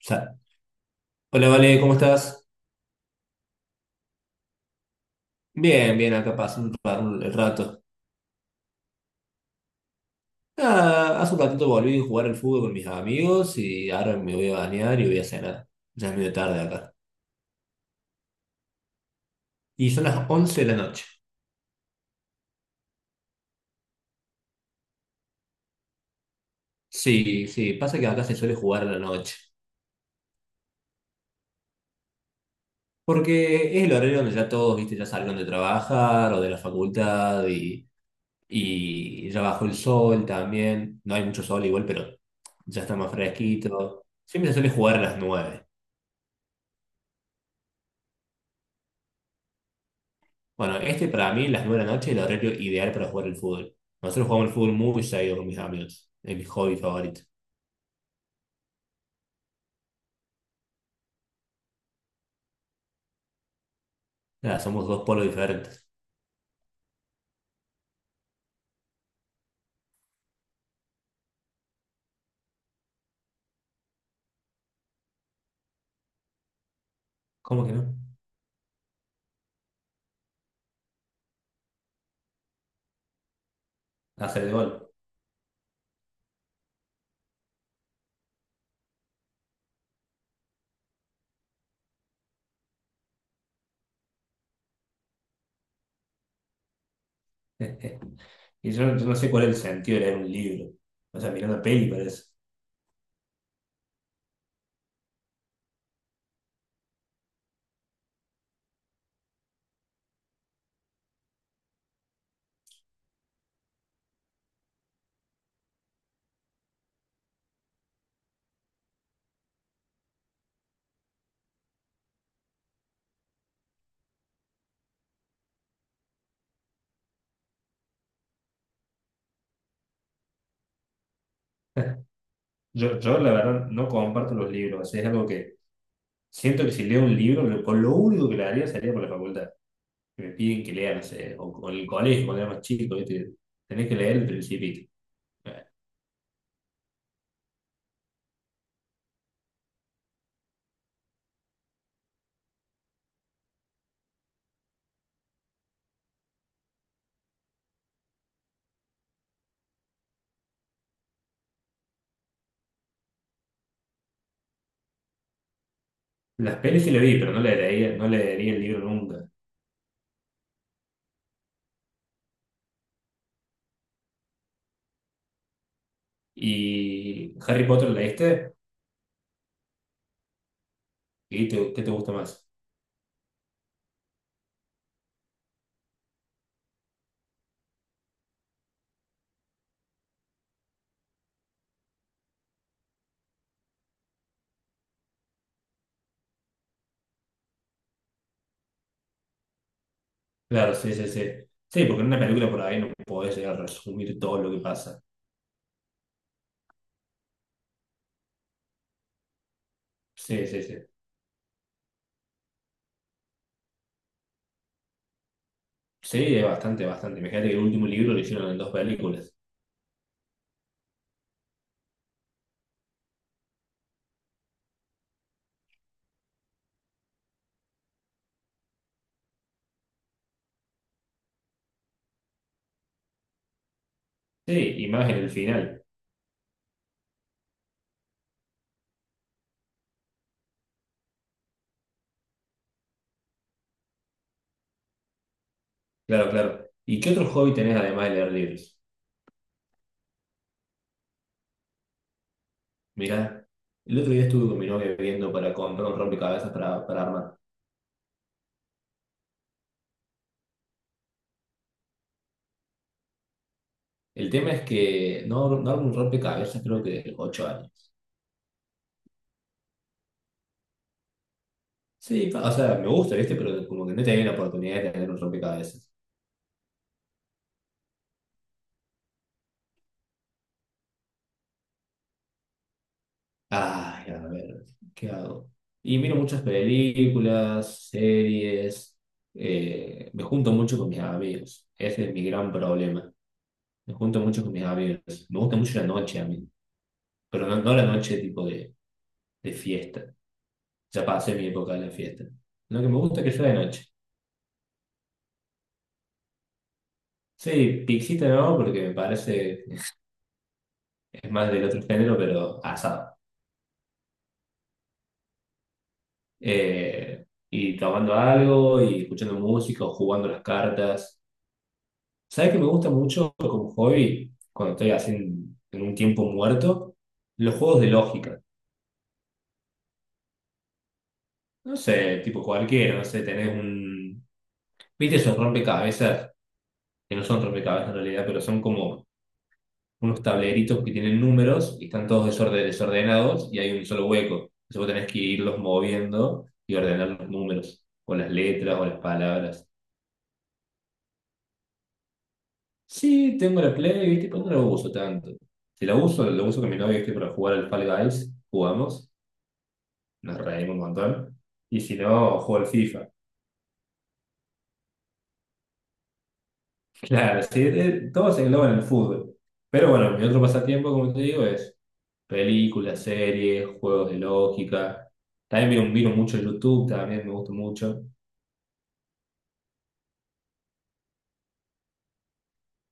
Sa- Hola, Vale, ¿cómo estás? Bien, bien, acá pasé el rato. Ah, hace un ratito volví a jugar al fútbol con mis amigos y ahora me voy a bañar y voy a cenar. Ya es medio tarde acá. Y son las 11 de la noche. Sí, sí, pasa que acá se suele jugar a la noche. Porque es el horario donde ya todos, viste, ya salieron de trabajar o de la facultad y ya bajó el sol también. No hay mucho sol igual, pero ya está más fresquito. Siempre se suele jugar a las 9. Bueno, este para mí, las 9 de la noche, es el horario ideal para jugar el fútbol. Nosotros jugamos el fútbol muy seguido con mis amigos. Es mi hobby favorito. Nada, somos dos polos diferentes. ¿Cómo que no? Hacer el gol. Y yo no sé cuál es el sentido de leer un libro. O sea, mirar una peli parece. La verdad, no comparto los libros. O sea, es algo que siento que si leo un libro, con lo único que le haría sería por la facultad. Que me piden que lea, no sé, o con el colegio, cuando era más chico, ¿viste? Tenés que leer el Principito. Las pelis sí le vi, pero no le leería el libro nunca. ¿Y Harry Potter la leíste? ¿Y qué te gusta más? Claro, sí, sí, sí. Sí, porque en una película por ahí no podés llegar a resumir todo lo que pasa. Sí, sí, sí. Sí, es bastante, bastante. Imagínate que el último libro lo hicieron en dos películas. Sí, y más en el final. Claro, claro. ¿Y qué otro hobby tenés además de leer libros? Mirá, el otro día estuve con mi novia viendo para comprar un rompecabezas para armar. El tema es que no armo un rompecabezas creo que de 8 años. Sí, o sea, me gusta, ¿viste? Pero como que no he tenido la oportunidad de tener un rompecabezas. Ay, a ver, ¿qué hago? Y miro muchas películas, series, me junto mucho con mis amigos. Ese es mi gran problema. Me junto mucho con mis amigos. Me gusta mucho la noche a mí, pero no la noche tipo de fiesta. Ya pasé mi época de la fiesta. Lo que me gusta es que sea de noche. Sí, pixita no, porque me parece, es más del otro género, pero asado. Y tomando algo y escuchando música o jugando las cartas. ¿Sabes que me gusta mucho como hobby cuando estoy así en un tiempo muerto? Los juegos de lógica. No sé, tipo cualquiera, no sé, tenés un... ¿Viste esos rompecabezas? Que no son rompecabezas en realidad, pero son como unos tableritos que tienen números y están todos desordenados y hay un solo hueco. Entonces vos tenés que irlos moviendo y ordenar los números, o las letras, o las palabras. Sí, tengo la Play, ¿viste? Pero no la uso tanto. Si la uso, la uso con mi novia, ¿viste? Para jugar al Fall Guys, jugamos, nos reímos un montón. Y si no, juego al FIFA. Claro, sí, todo se engloba en el fútbol. Pero bueno, mi otro pasatiempo, como te digo, es películas, series, juegos de lógica. También miro mucho YouTube, también me gusta mucho.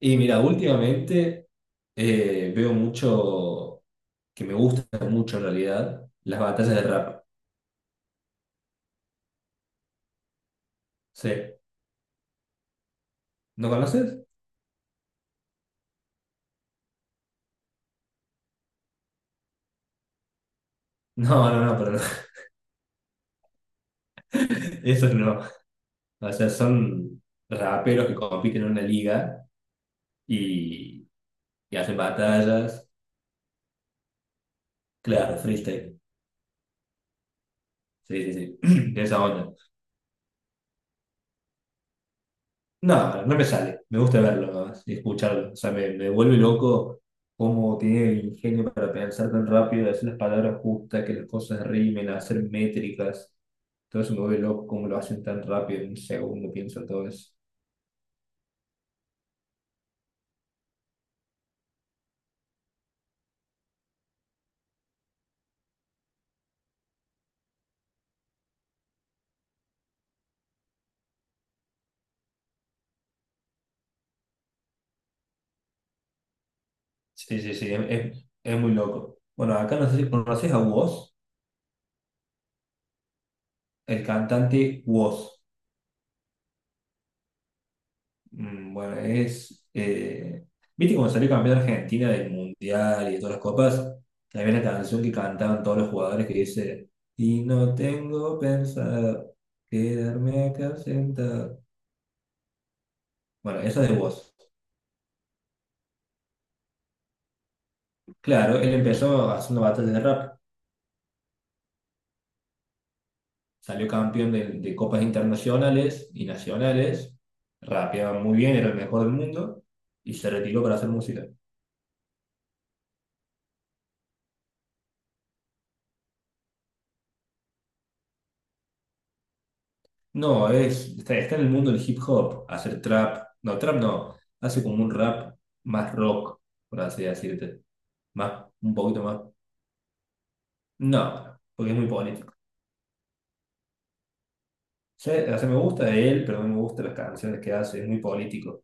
Y mira, últimamente veo que me gusta mucho en realidad, las batallas de rap. Sí. ¿No conoces? No, eso no. O sea, son raperos que compiten en una liga y, y hacen batallas. Claro, freestyle. Sí, sí, sí. De esa onda. No, no me sale. Me gusta verlo nomás y escucharlo. O sea, me vuelve loco cómo tiene el ingenio para pensar tan rápido, decir las palabras justas, que las cosas rimen, hacer métricas. Todo eso me vuelve loco cómo lo hacen tan rápido en un segundo, pienso todo eso. Sí, sí, sí, es muy loco. Bueno, acá no sé si conoces a vos. El cantante Woz. Mm, bueno, es. ¿Viste cuando salió campeón Argentina del Mundial y de todas las copas? Había una canción que cantaban todos los jugadores que dice: y no tengo pensado quedarme acá sentado. Bueno, esa es de Woz. Claro, él empezó haciendo batallas de rap. Salió campeón de copas internacionales y nacionales. Rapeaba muy bien, era el mejor del mundo. Y se retiró para hacer música. No, es, está en el mundo del hip hop, hacer trap. No, trap no. Hace como un rap más rock, por así decirte. Más, un poquito más. No, porque es muy político. Sí, o sea, me gusta él, pero no me gustan las canciones que hace, es muy político.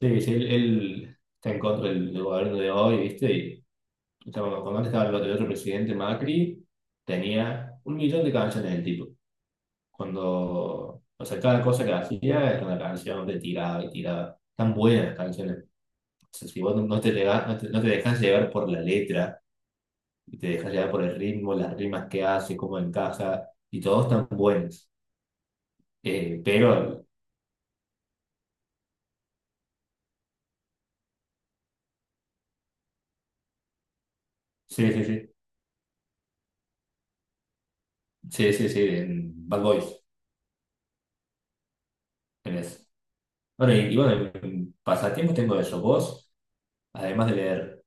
Sí, sí, él está en contra del gobierno de hoy, ¿viste? Y cuando antes estaba el otro presidente Macri, tenía 1.000.000 de canciones del tipo. O sea, cada cosa que hacía era una canción de tirada y tirada. Tan buenas canciones. O sea, si vos no te dejas llevar por la letra, y te dejas llevar por el ritmo, las rimas que hace, cómo encaja, y todos están buenos. Eh, pero, sí, sí, sí, sí, sí, sí, en Bad Boys, en eso. Bueno, en pasatiempos tengo eso. Vos, además de leer,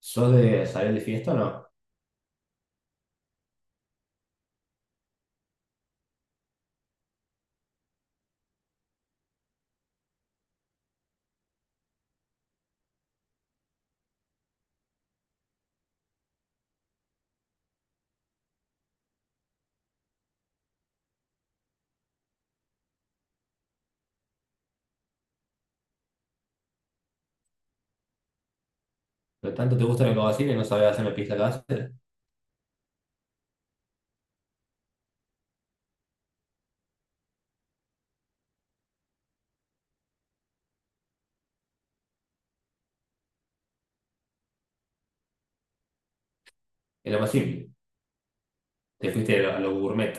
¿sos de salir de fiesta o no? Pero tanto te gusta la cocina y no sabés hacer una pista casera, es lo más simple. Te fuiste a lo gourmet.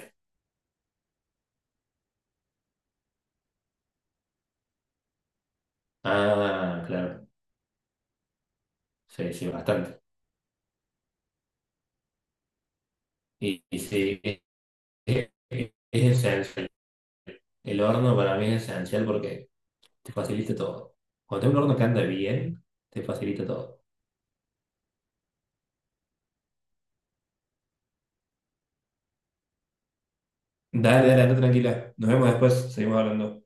Ah, claro, sí, sí, bastante. Y sí, es esencial. El horno para mí es esencial porque te facilita todo. Cuando tengo un horno que anda bien, te facilita todo. Dale, dale, anda tranquila. Nos vemos después, seguimos hablando.